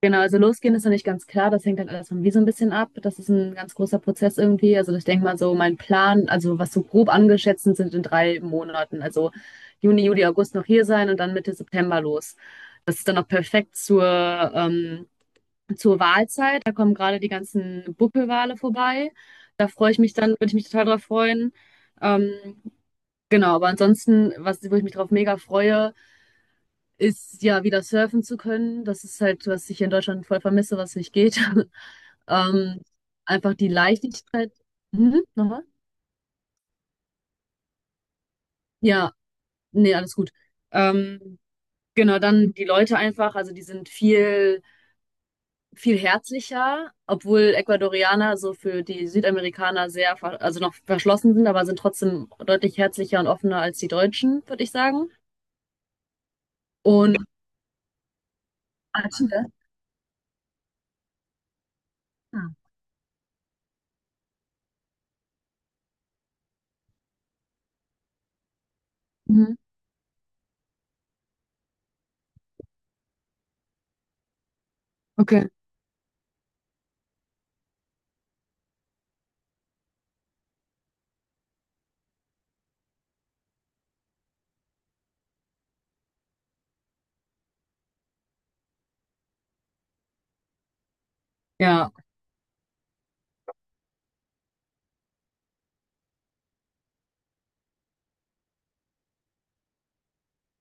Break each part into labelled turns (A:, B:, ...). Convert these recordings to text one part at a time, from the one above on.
A: Genau, also losgehen ist noch nicht ganz klar. Das hängt halt alles von mir so ein bisschen ab. Das ist ein ganz großer Prozess irgendwie. Also ich denke mal so, mein Plan, also was so grob angeschätzt sind in 3 Monaten. Also Juni, Juli, August noch hier sein und dann Mitte September los. Das ist dann noch perfekt zur, ähm, zur Wahlzeit. Da kommen gerade die ganzen Buckelwale vorbei. Da freue ich mich dann, würde ich mich total drauf freuen. Ähm, genau, aber ansonsten, was, wo ich mich drauf mega freue, ist ja wieder surfen zu können. Das ist halt, was ich in Deutschland voll vermisse, was nicht geht. Ähm, Einfach die Leichtigkeit. Mhm, nochmal? Ja, nee, alles gut. Ähm, genau, dann die Leute einfach, also die sind viel, viel herzlicher, obwohl Ecuadorianer so für die Südamerikaner sehr, also noch verschlossen sind, aber sind trotzdem deutlich herzlicher und offener als die Deutschen, würde ich sagen. Und. Ah, Chile. Ah. Mhm. Okay. Ja,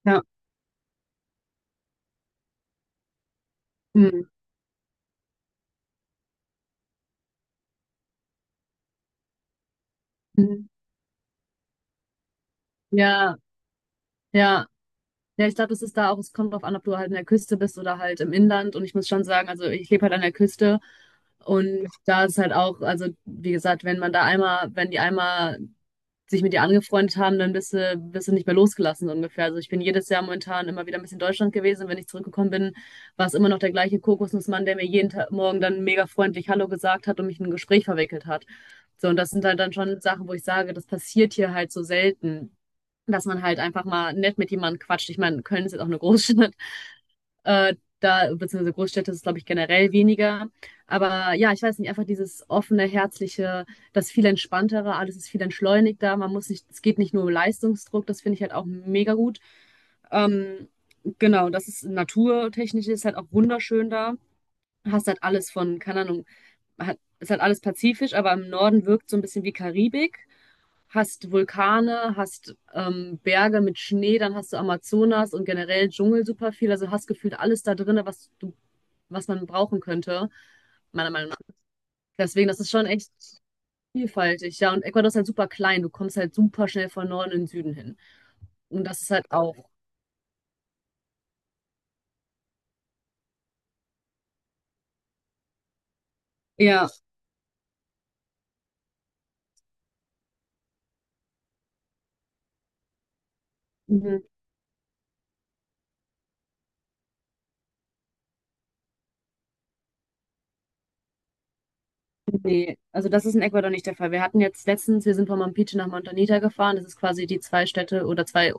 A: ja. Mhm. Mhm. Ja, ja. Ja, ich glaube, das ist da auch, es kommt drauf an, ob du halt an der Küste bist oder halt im Inland. Und ich muss schon sagen, also ich lebe halt an der Küste und da ist halt auch, also wie gesagt, wenn man da einmal, wenn die einmal sich mit dir angefreundet haben, dann bist du nicht mehr losgelassen so ungefähr. Also ich bin jedes Jahr momentan immer wieder ein bisschen in Deutschland gewesen. Wenn ich zurückgekommen bin, war es immer noch der gleiche Kokosnussmann, der mir jeden Morgen dann mega freundlich Hallo gesagt hat und mich in ein Gespräch verwickelt hat. So, und das sind halt dann schon Sachen, wo ich sage, das passiert hier halt so selten, dass man halt einfach mal nett mit jemandem quatscht. Ich meine, Köln ist jetzt auch eine Großstadt. Äh, Da, beziehungsweise Großstädte ist, es, glaube ich, generell weniger. Aber ja, ich weiß nicht, einfach dieses offene, herzliche, das viel entspanntere, alles ist viel entschleunigter. Man muss nicht, es geht nicht nur um Leistungsdruck, das finde ich halt auch mega gut. Ähm, genau, das ist naturtechnisch, ist halt auch wunderschön, da hast halt alles von, keine Ahnung, hat, ist halt alles pazifisch, aber im Norden wirkt so ein bisschen wie Karibik. Hast Vulkane, hast Berge mit Schnee, dann hast du Amazonas und generell Dschungel super viel. Also hast gefühlt alles da drin, was du, was man brauchen könnte, meiner Meinung nach. Deswegen, das ist schon echt vielfältig. Ja, und Ecuador ist halt super klein. Du kommst halt super schnell von Norden in den Süden hin. Und das ist halt auch. Ja. Mhm. Nee, also das ist in Ecuador nicht der Fall. Wir hatten jetzt letztens, wir sind von Mampiche nach Montanita gefahren. Das ist quasi die zwei Städte oder zwei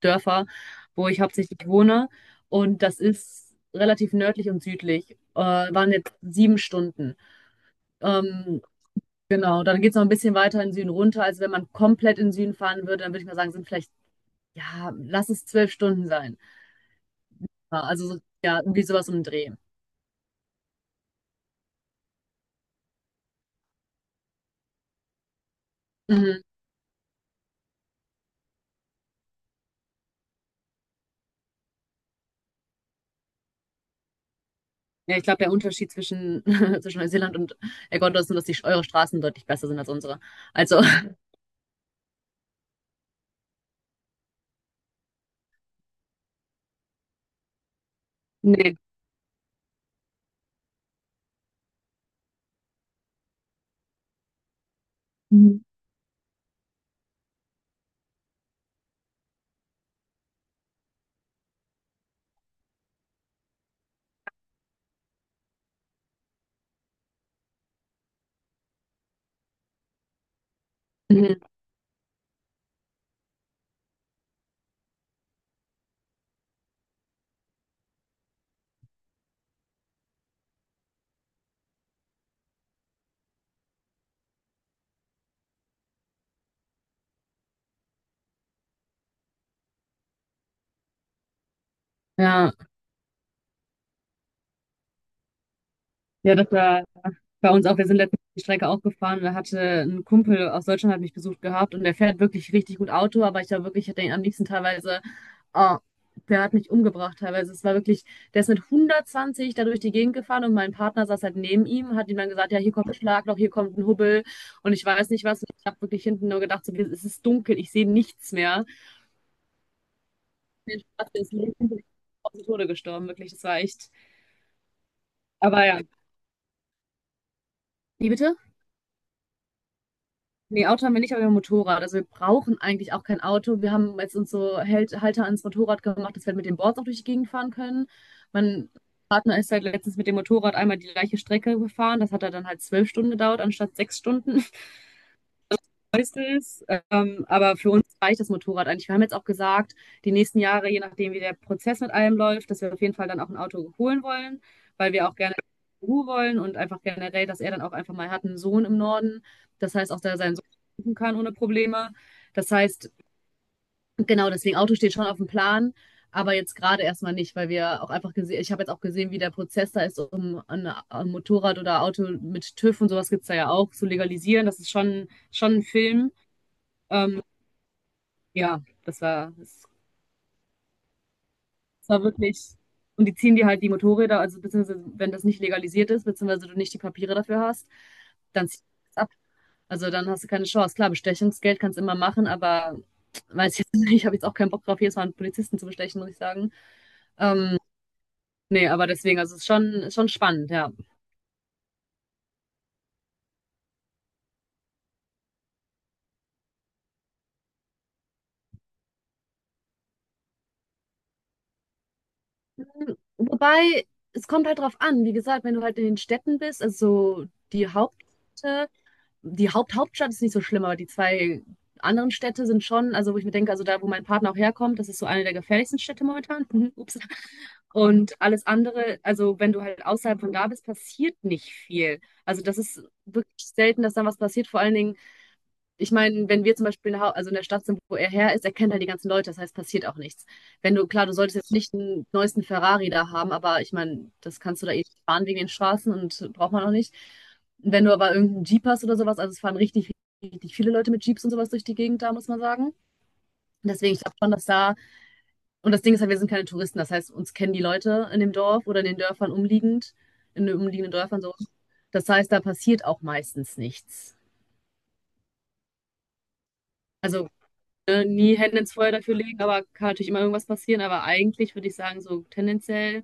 A: Dörfer, wo ich hauptsächlich wohne. Und das ist relativ nördlich und südlich. Waren jetzt 7 Stunden. Ähm, genau, dann geht es noch ein bisschen weiter in den Süden runter. Also wenn man komplett in den Süden fahren würde, dann würde ich mal sagen, sind vielleicht, ja, lass es 12 Stunden sein. Ja, also ja, irgendwie sowas um den Dreh. Mhm. Ja, ich glaube, der Unterschied zwischen, zwischen Neuseeland und Ecuador ist nur, dass die, eure Straßen deutlich besser sind als unsere. Also. Nee. Mhm. Mhm. Ja, ja, das war bei uns auch. Wir sind letztens die Strecke auch gefahren. Da hatte ein Kumpel aus Deutschland hat mich besucht gehabt und der fährt wirklich richtig gut Auto, aber ich war wirklich, hätte ihn am liebsten teilweise. Oh, der hat mich umgebracht teilweise. Es war wirklich, der ist mit 120 da durch die Gegend gefahren und mein Partner saß halt neben ihm, hat ihm dann gesagt, ja, hier kommt ein Schlagloch, hier kommt ein Hubbel und ich weiß nicht was. Und ich habe wirklich hinten nur gedacht, so, es ist dunkel, ich sehe nichts mehr. Den Spaß des Lebens bin ich auf den Tode gestorben, wirklich. Das war echt. Aber ja. Wie bitte? Nee, Auto haben wir nicht, aber wir haben Motorrad. Also wir brauchen eigentlich auch kein Auto. Wir haben jetzt uns so Hält Halter ans Motorrad gemacht, dass wir halt mit den Boards auch durch die Gegend fahren können. Mein Partner ist halt letztens mit dem Motorrad einmal die gleiche Strecke gefahren. Das hat er dann halt 12 Stunden gedauert, anstatt 6 Stunden. Meistens, aber für uns reicht das Motorrad eigentlich. Wir haben jetzt auch gesagt, die nächsten Jahre, je nachdem, wie der Prozess mit allem läuft, dass wir auf jeden Fall dann auch ein Auto holen wollen, weil wir auch gerne Ruhe wollen und einfach generell, dass er dann auch einfach mal hat, einen Sohn im Norden. Das heißt, auch dass er seinen Sohn besuchen kann ohne Probleme. Das heißt, genau deswegen, Auto steht schon auf dem Plan, aber jetzt gerade erstmal nicht, weil wir auch einfach gesehen, ich habe jetzt auch gesehen, wie der Prozess da ist, um ein Motorrad oder Auto mit TÜV und sowas gibt es da ja auch zu legalisieren. Das ist schon ein Film. Ähm, ja, das war, wirklich, und die ziehen dir halt die Motorräder, also beziehungsweise wenn das nicht legalisiert ist, beziehungsweise du nicht die Papiere dafür hast, dann ziehst du das ab. Also dann hast du keine Chance. Klar, Bestechungsgeld kannst du immer machen, aber weiß jetzt nicht, ich habe jetzt auch keinen Bock drauf, jedes Mal einen Polizisten zu bestechen, muss ich sagen. Ähm, Nee, aber deswegen, also es ist schon spannend, ja. Wobei, es kommt halt drauf an, wie gesagt, wenn du halt in den Städten bist, also die Hauptstadt ist nicht so schlimm, aber die zwei anderen Städte sind schon, also wo ich mir denke, also da, wo mein Partner auch herkommt, das ist so eine der gefährlichsten Städte momentan. Ups. Und alles andere, also wenn du halt außerhalb von da bist, passiert nicht viel. Also das ist wirklich selten, dass dann was passiert. Vor allen Dingen ich meine, wenn wir zum Beispiel in der, also in der Stadt sind, wo er her ist, er kennt halt die ganzen Leute, das heißt, passiert auch nichts. Wenn du, klar, du solltest jetzt nicht den neuesten Ferrari da haben, aber ich meine, das kannst du da eh nicht fahren wegen den Straßen und braucht man auch nicht. Wenn du aber irgendeinen Jeep hast oder sowas, also es fahren richtig, richtig viele Leute mit Jeeps und sowas durch die Gegend da, muss man sagen. Deswegen, ich glaube schon, dass da, und das Ding ist halt, wir sind keine Touristen, das heißt, uns kennen die Leute in dem Dorf oder in den Dörfern umliegend, in den umliegenden Dörfern so. Das heißt, da passiert auch meistens nichts. Also nie Hände ins Feuer dafür legen, aber kann natürlich immer irgendwas passieren. Aber eigentlich würde ich sagen, so tendenziell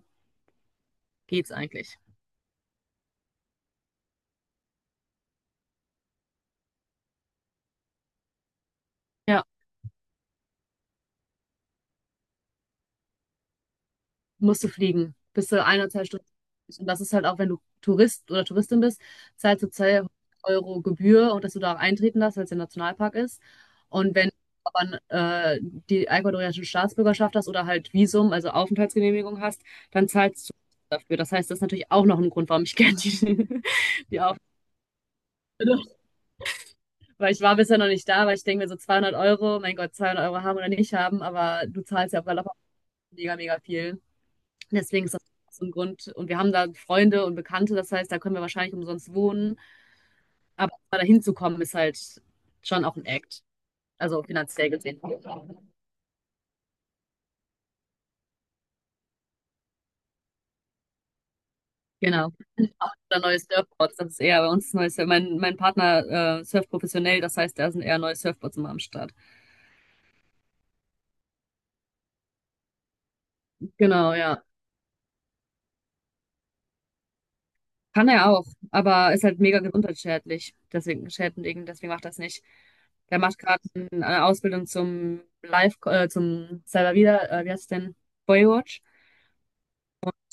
A: geht's eigentlich. Ja, musst du fliegen. Bist du 1 oder 2 Stunden. Und das ist halt auch, wenn du Tourist oder Touristin bist, zahlst du 2 Euro Gebühr und dass du da auch eintreten darfst, weil es ja ein Nationalpark ist. Und wenn du aber äh, die ecuadorianische Staatsbürgerschaft hast oder halt Visum, also Aufenthaltsgenehmigung hast, dann zahlst du dafür. Das heißt, das ist natürlich auch noch ein Grund, warum ich gerne die, die Aufenthaltsgenehmigung. Weil ich war bisher noch nicht da, weil ich denke mir so 200 Euro, mein Gott, 200 Euro haben oder nicht haben, aber du zahlst ja auf Galopp mega, mega viel. Deswegen ist das so ein Grund. Und wir haben da Freunde und Bekannte, das heißt, da können wir wahrscheinlich umsonst wohnen. Aber da hinzukommen ist halt schon auch ein Act. Also finanziell gesehen. Genau. Oder neue Surfboards, das ist eher bei uns neues. Mein Partner surft professionell, das heißt, da sind eher neue Surfboards immer am Start. Genau, ja. Kann er auch, aber ist halt mega gesundheitsschädlich. Deswegen, schädlich, deswegen macht er es nicht. Der macht gerade eine Ausbildung zum Live, zum selber wieder, wie heißt es denn? Boywatch.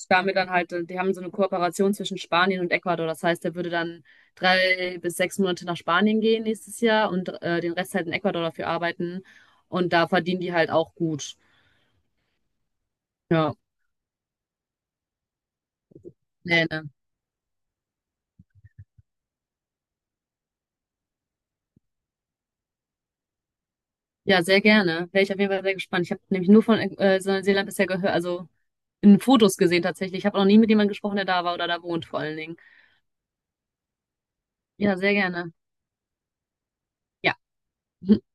A: Damit dann halt, die haben so eine Kooperation zwischen Spanien und Ecuador. Das heißt, er würde dann 3 bis 6 Monate nach Spanien gehen nächstes Jahr und den Rest halt in Ecuador dafür arbeiten. Und da verdienen die halt auch gut. Ja, nee, ne. Ja, sehr gerne. Wäre ich auf jeden Fall sehr gespannt. Ich habe nämlich nur von Neuseeland bisher gehört, also in Fotos gesehen tatsächlich. Ich habe noch nie mit jemandem gesprochen, der da war oder da wohnt vor allen Dingen. Ja, sehr gerne. Ja.